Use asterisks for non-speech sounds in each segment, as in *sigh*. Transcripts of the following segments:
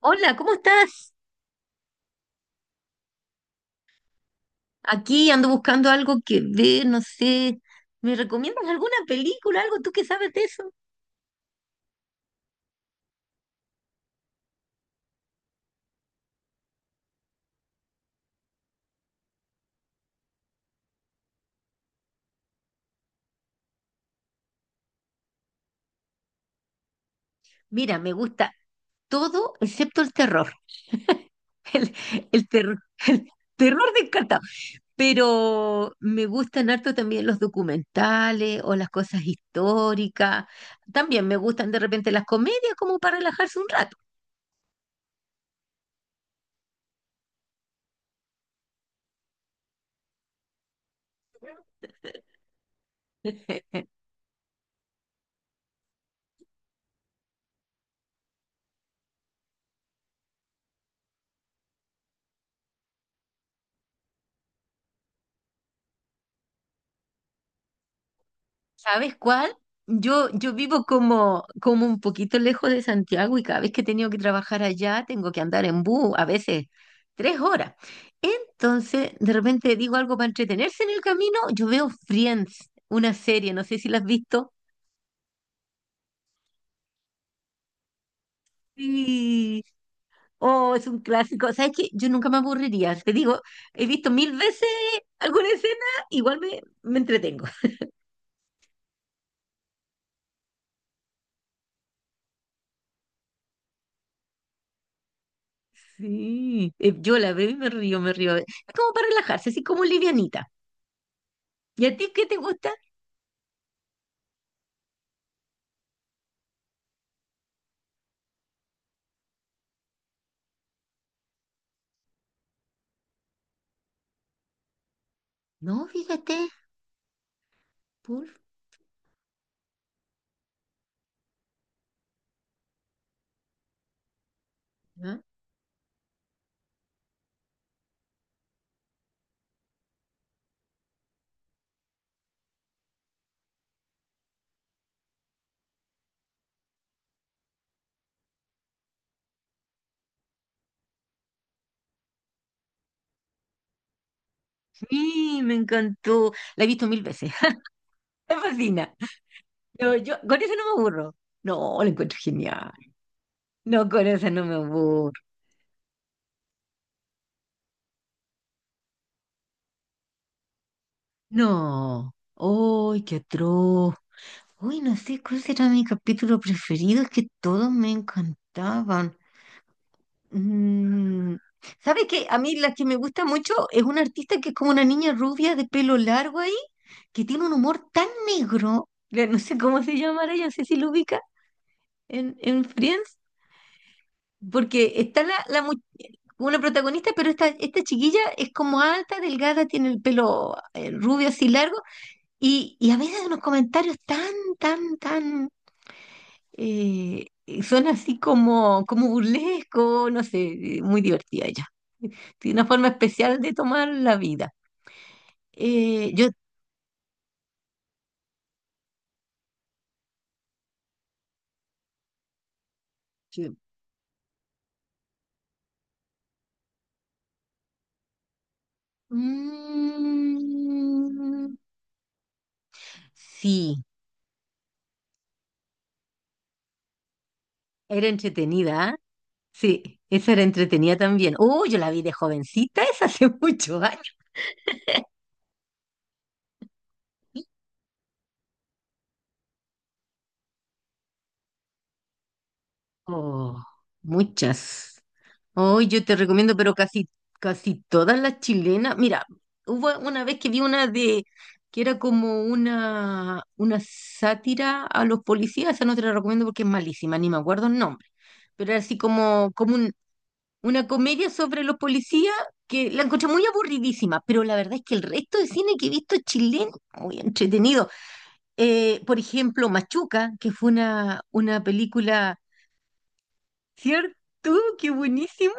Hola, ¿cómo estás? Aquí ando buscando algo que ver, no sé. ¿Me recomiendas alguna película, algo tú que sabes de eso? Mira, me gusta todo excepto el terror. *laughs* El, el terror, el terror me encanta. Pero me gustan harto también los documentales o las cosas históricas. También me gustan de repente las comedias como para relajarse un rato. *laughs* ¿Sabes cuál? Yo vivo como un poquito lejos de Santiago y cada vez que he tenido que trabajar allá tengo que andar en bus, a veces 3 horas. Entonces, de repente digo algo para entretenerse en el camino, yo veo Friends, una serie, no sé si la has visto. Sí. Oh, es un clásico. ¿Sabes qué? Yo nunca me aburriría. Te digo, he visto mil veces alguna escena, igual me entretengo. *laughs* Sí. Yo la veo y me río, me río. Es como para relajarse, así como livianita. ¿Y a ti qué te gusta? No, fíjate, Pulp. ¿Ah? Sí, me encantó. La he visto mil veces. *laughs* Me fascina. No, yo con eso no me aburro. No, la encuentro genial. No, con eso no me aburro. No. ¡Ay, qué atroz! Uy, no sé cuál será mi capítulo preferido. Es que todos me encantaban. Mm. ¿Sabes qué? A mí la que me gusta mucho es una artista que es como una niña rubia de pelo largo ahí, que tiene un humor tan negro, no sé cómo se llamará, yo no sé si lo ubica en Friends, porque está una protagonista, pero esta chiquilla es como alta, delgada, tiene el pelo rubio así largo, y a veces unos comentarios tan eh, son así como burlesco, no sé, muy divertida ella. Tiene una forma especial de tomar la vida. Eh, yo, Sí. Mm, sí, era entretenida, ¿ah? Sí, esa era entretenida también. Oh, yo la vi de jovencita, es hace *laughs* muchos años. Oh, muchas. Hoy yo te recomiendo, pero casi, casi todas las chilenas. Mira, hubo una vez que vi una de que era como una sátira a los policías, esa no te la recomiendo porque es malísima, ni me acuerdo el nombre, pero era así una comedia sobre los policías que la encontré muy aburridísima, pero la verdad es que el resto de cine que he visto chileno, muy entretenido. Por ejemplo, Machuca, que fue una película, ¿cierto? Qué buenísima.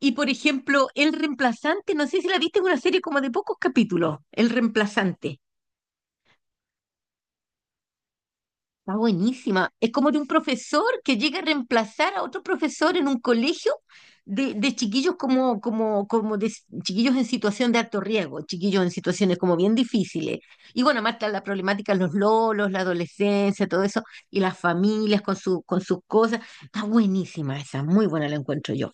Y por ejemplo, El Reemplazante, no sé si la viste, es una serie como de pocos capítulos, El Reemplazante. Está buenísima. Es como de un profesor que llega a reemplazar a otro profesor en un colegio de chiquillos como de chiquillos en situación de alto riesgo, chiquillos en situaciones como bien difíciles. Y bueno, más está la problemática, los lolos, la adolescencia, todo eso, y las familias con sus cosas. Está buenísima esa, muy buena la encuentro yo.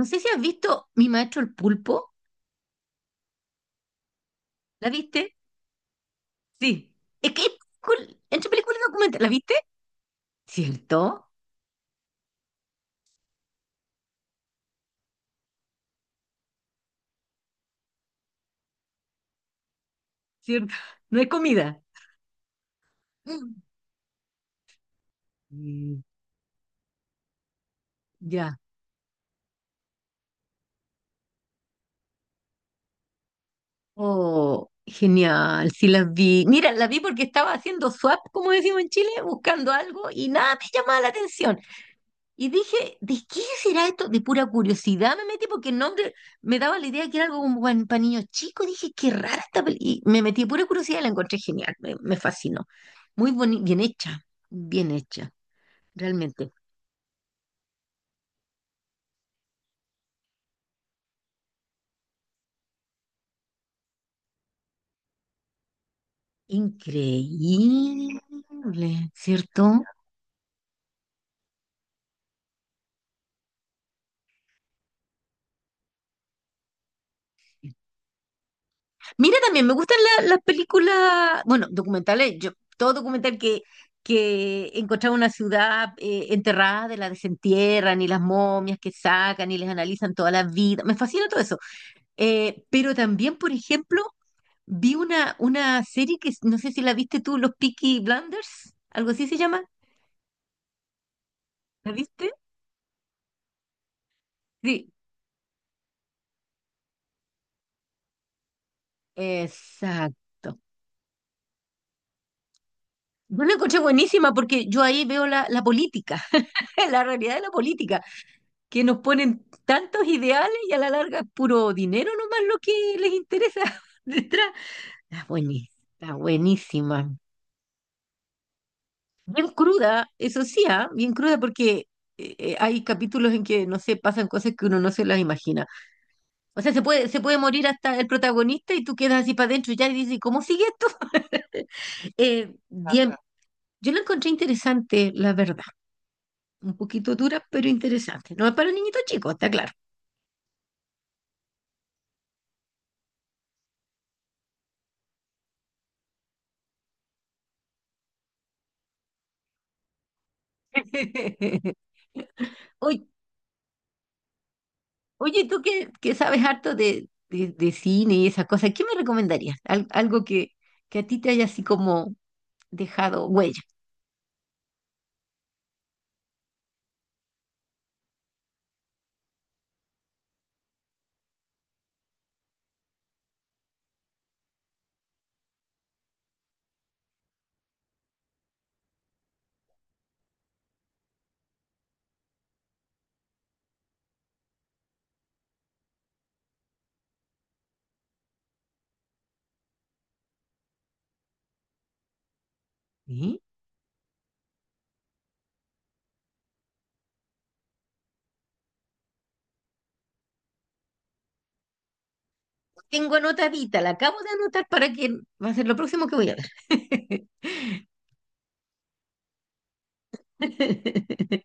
No sé si has visto Mi Maestro el Pulpo, ¿la viste? Sí, es que es película- entre película documental, ¿la viste? ¿Cierto? ¿Cierto? No hay comida. Mm. Mm, ya. Oh, genial, sí la vi. Mira, la vi porque estaba haciendo swap, como decimos en Chile, buscando algo y nada me llamaba la atención. Y dije, ¿de qué será esto? De pura curiosidad me metí porque el nombre me daba la idea que era algo como para niños chicos. Dije, qué rara esta película. Y me metí de pura curiosidad y la encontré genial, me fascinó. Bien hecha, bien hecha. Realmente. Increíble, ¿cierto? Mira, también me gustan las películas, bueno, documentales, yo, todo documental que encontraba una ciudad enterrada, de la desentierran y las momias que sacan y les analizan toda la vida, me fascina todo eso. Pero también, por ejemplo, vi una serie no sé si la viste tú, Los Peaky Blinders, algo así se llama, ¿la viste? Sí, exacto. Yo la encontré buenísima porque yo ahí veo la política, *laughs* la realidad de la política, que nos ponen tantos ideales y a la larga es puro dinero nomás lo que les interesa *laughs* detrás. Está buenísima, está buenísima. Bien cruda, eso sí, ah, bien cruda porque hay capítulos en que, no sé, pasan cosas que uno no se las imagina. O sea, se puede morir hasta el protagonista y tú quedas así para adentro ya y dices, ¿cómo sigue esto? *laughs* Bien, yo la encontré interesante, la verdad. Un poquito duras, pero interesantes. No es para niñitos chicos, está claro. *laughs* Oye, oye, tú que sabes harto de, de cine y esas cosas, ¿qué me recomendarías? Algo que a ti te haya así como dejado huella. Sí. Tengo anotadita, la acabo de anotar para que va a ser lo próximo que voy a ver. *laughs*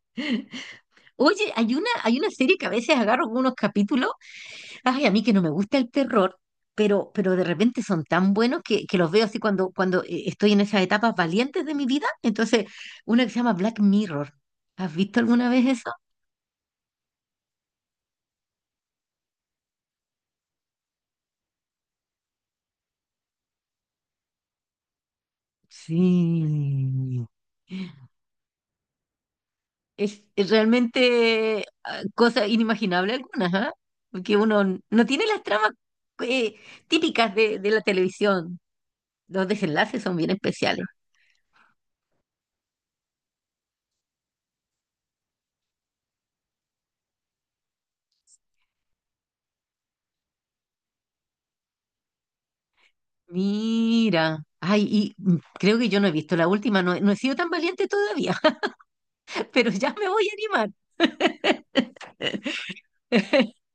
Oye, hay una serie que a veces agarro unos capítulos. Ay, a mí que no me gusta el terror, pero de repente son tan buenos que los veo así cuando estoy en esas etapas valientes de mi vida. Entonces, una que se llama Black Mirror. ¿Has visto alguna vez eso? Sí. Es realmente cosa inimaginable algunas, ¿ah? Porque uno no tiene las tramas eh, típicas de la televisión. Los desenlaces son bien especiales. Mira. Ay, y creo que yo no he visto la última. No, no he sido tan valiente todavía. *laughs* Pero ya me voy a animar. *laughs*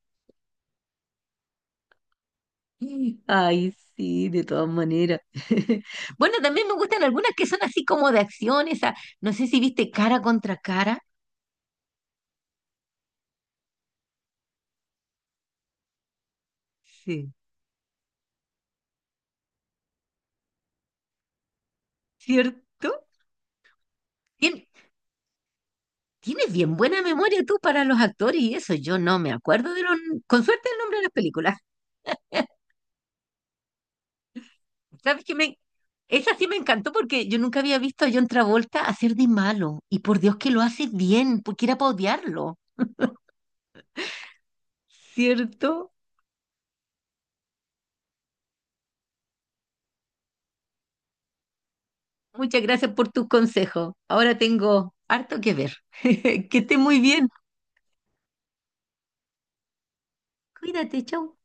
Ay, sí, de todas maneras. *laughs* Bueno, también me gustan algunas que son así como de acción, esa, no sé si viste cara contra cara. Sí. ¿Cierto? Tien- tienes bien buena memoria tú para los actores y eso. Yo no me acuerdo con suerte el nombre de las películas. ¿Sabes qué me, esa sí me encantó porque yo nunca había visto a John Travolta hacer de malo. Y por Dios que lo hace bien, porque era para odiarlo. ¿Cierto? Muchas gracias por tus consejos. Ahora tengo harto que ver. *laughs* Que estés muy bien. Cuídate, chau.